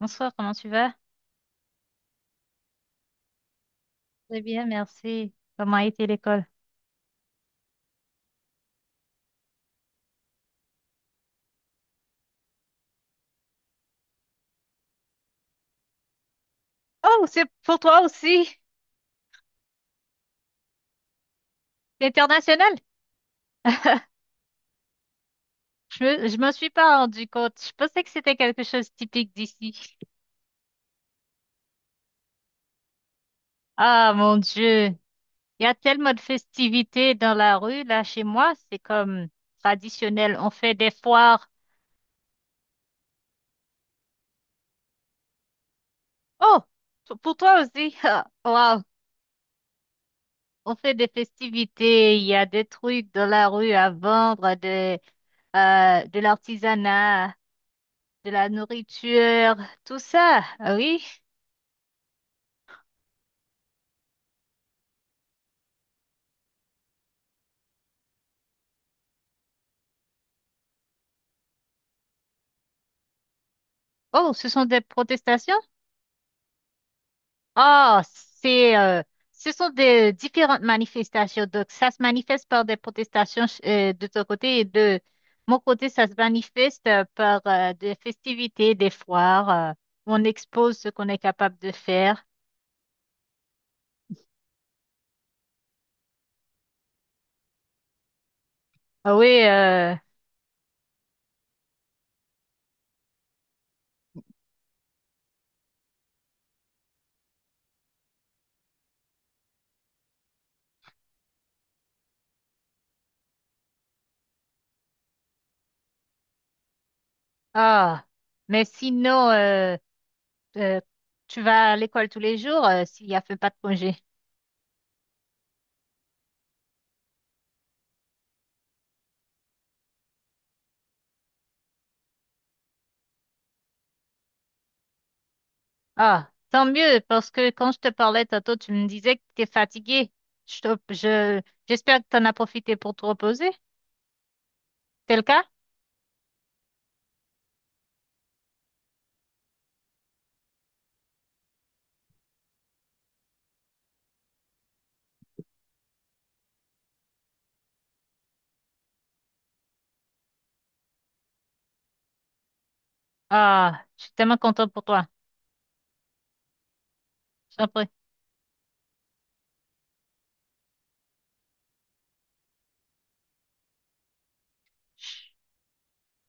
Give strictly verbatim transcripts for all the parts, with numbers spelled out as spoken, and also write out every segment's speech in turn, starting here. Bonsoir, comment tu vas? Très bien, merci. Comment a été l'école? Oh, c'est pour toi aussi. C'est international. Je me, je me suis pas rendu compte. Je pensais que c'était quelque chose de typique d'ici. Ah, mon Dieu. Il y a tellement de festivités dans la rue, là, chez moi. C'est comme traditionnel. On fait des foires. Oh, t- pour toi aussi. Ah, wow. On fait des festivités. Il y a des trucs dans la rue à vendre, de, euh, de l'artisanat, de la nourriture, tout ça. Ah oui. Oh, ce sont des protestations? Oh, c'est, euh, ce sont des différentes manifestations. Donc, ça se manifeste par des protestations euh, de ton côté et de mon côté, ça se manifeste euh, par euh, des festivités, des foires, euh, où on expose ce qu'on est capable de faire. Ah oui. euh, ah, mais sinon, euh, euh, tu vas à l'école tous les jours euh, s'il y a fait pas de congé. Ah, tant mieux, parce que quand je te parlais tantôt, tu me disais que tu étais fatigué. Je, te- je- J'espère que tu en as profité pour te reposer. C'est le cas? Ah, je suis tellement contente pour toi. Je t'en prie.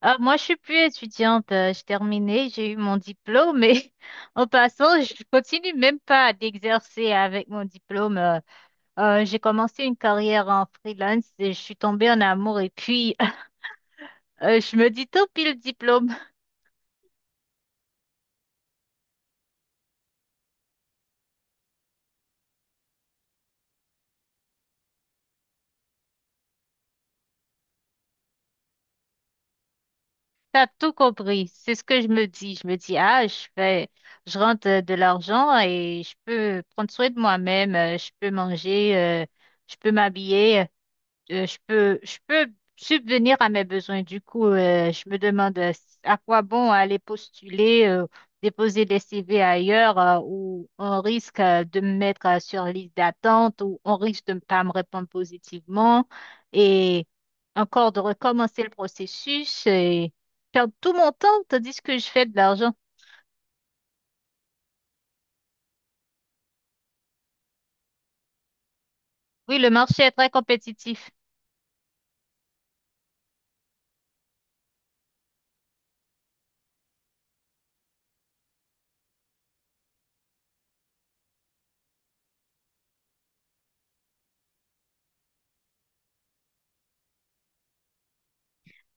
Ah, moi, je suis plus étudiante. euh, J'ai terminé, j'ai eu mon diplôme, mais en passant, je continue même pas d'exercer avec mon diplôme. euh. Euh, j'ai commencé une carrière en freelance et je suis tombée en amour. Et puis, euh, je me dis, tant pis le diplôme. T'as tout compris. C'est ce que je me dis. Je me dis, ah, je fais, je rentre euh, de l'argent et je peux prendre soin de moi-même. euh, Je peux manger, euh, je peux m'habiller. Euh, je peux, je peux subvenir à mes besoins. Du coup, euh, je me demande euh, à quoi bon aller postuler, euh, déposer des C V ailleurs euh, où on risque euh, de me mettre euh, sur liste d'attente, où on risque de ne pas me répondre positivement et encore de recommencer le processus et perdre tout mon temps tandis que je fais de l'argent. Oui, le marché est très compétitif.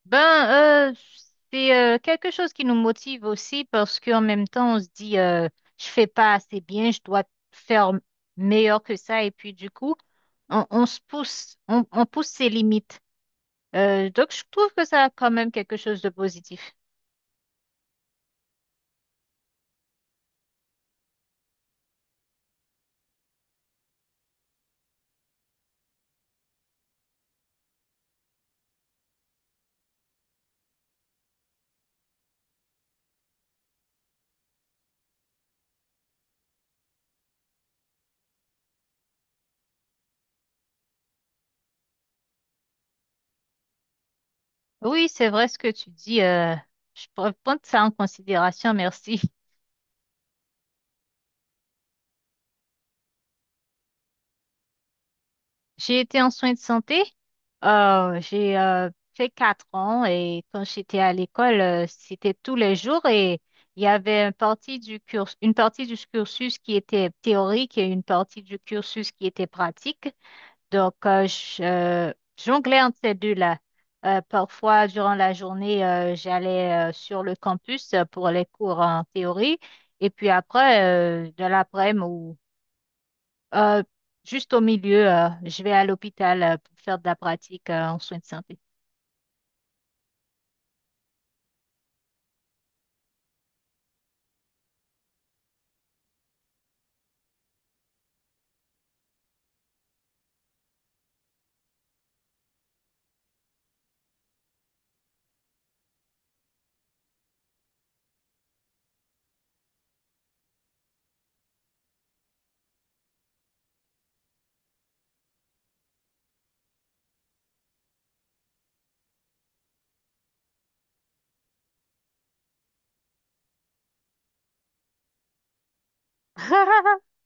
Ben, euh, c'est euh, quelque chose qui nous motive aussi parce qu'en même temps, on se dit, euh, je fais pas assez bien, je dois faire meilleur que ça. Et puis, du coup, on, on se pousse, on, on pousse ses limites. Euh, donc, je trouve que ça a quand même quelque chose de positif. Oui, c'est vrai ce que tu dis. Euh, je pourrais prendre ça en considération, merci. J'ai été en soins de santé. Euh, j'ai euh, Fait quatre ans et quand j'étais à l'école, euh, c'était tous les jours et il y avait une partie du cursus, une partie du cursus qui était théorique et une partie du cursus qui était pratique. Donc, euh, je euh, jonglais entre ces deux-là. Euh, parfois, durant la journée, euh, j'allais euh, sur le campus euh, pour les cours en théorie et puis après, euh, de l'après-midi ou euh, juste au milieu, euh, je vais à l'hôpital euh, pour faire de la pratique euh, en soins de santé.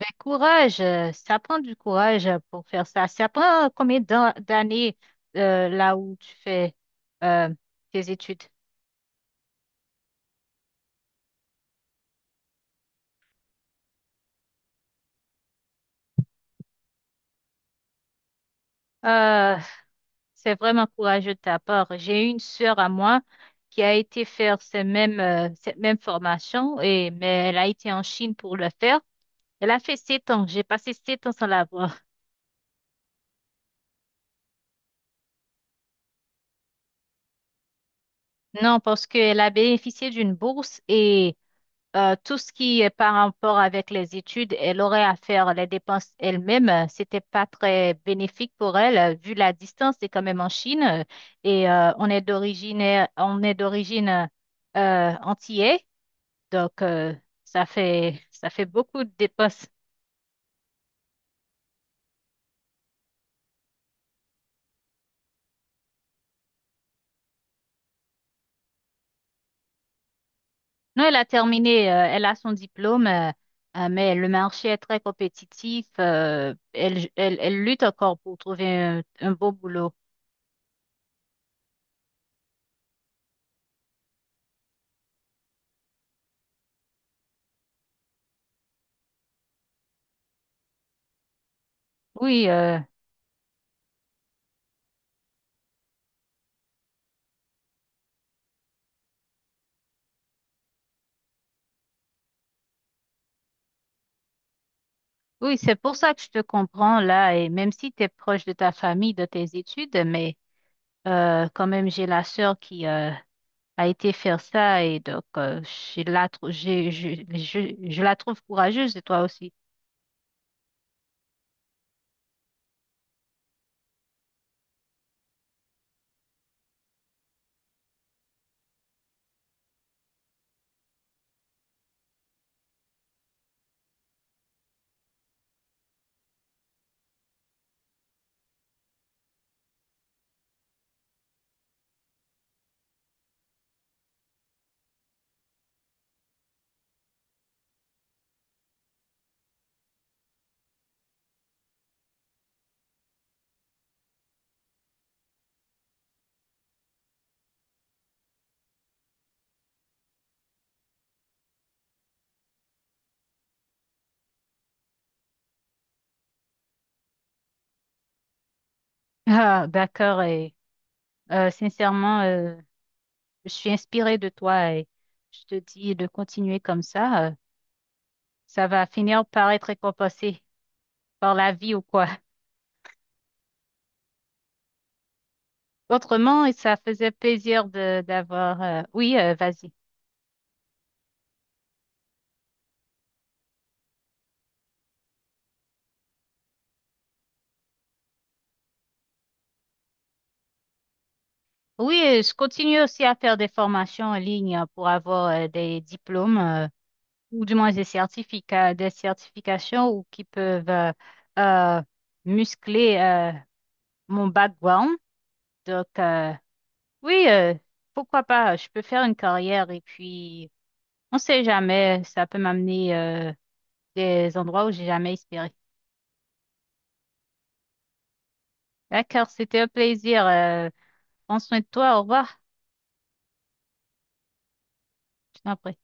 Ben, courage, euh, ça prend du courage euh, pour faire ça. Ça prend combien d'an- d'années euh, là où tu fais euh, tes études? Euh, c'est vraiment courageux de ta part. J'ai une sœur à moi qui a été faire ces mêmes, euh, cette même formation, et, mais elle a été en Chine pour le faire. Elle a fait sept ans. J'ai passé sept ans sans la voir. Non, parce qu'elle a bénéficié d'une bourse. Et Euh, tout ce qui est par rapport avec les études, elle aurait à faire les dépenses elle-même. Euh, C'était pas très bénéfique pour elle, euh, vu la distance, c'est quand même en Chine, euh, et euh, on est d'origine, on est d'origine, euh, antillais, donc euh, ça fait ça fait beaucoup de dépenses. Non, elle a terminé, euh, elle a son diplôme, euh, euh, mais le marché est très compétitif. Euh, elle, elle, elle lutte encore pour trouver un, un beau boulot. Oui. euh, Oui, c'est pour ça que je te comprends là, et même si tu es proche de ta famille, de tes études, mais euh, quand même, j'ai la sœur qui euh, a été faire ça, et donc euh, je la, trou- j'ai- je, je, je la trouve courageuse, et toi aussi. Ah, d'accord, et euh, sincèrement, euh, je suis inspirée de toi, et je te dis de continuer comme ça, euh, ça va finir par être récompensé par la vie ou quoi. Autrement, ça faisait plaisir de d'avoir... euh, Oui, euh, vas-y. Oui, euh, je continue aussi à faire des formations en ligne euh, pour avoir euh, des diplômes, euh, ou du moins des certificats, des certifications ou qui peuvent euh, euh, muscler euh, mon background. Donc, euh, oui, euh, pourquoi pas, je peux faire une carrière et puis on sait jamais, ça peut m'amener euh, des endroits où j'ai jamais espéré. D'accord, c'était un plaisir. Euh, prends soin de toi, au revoir. Je t'en prie.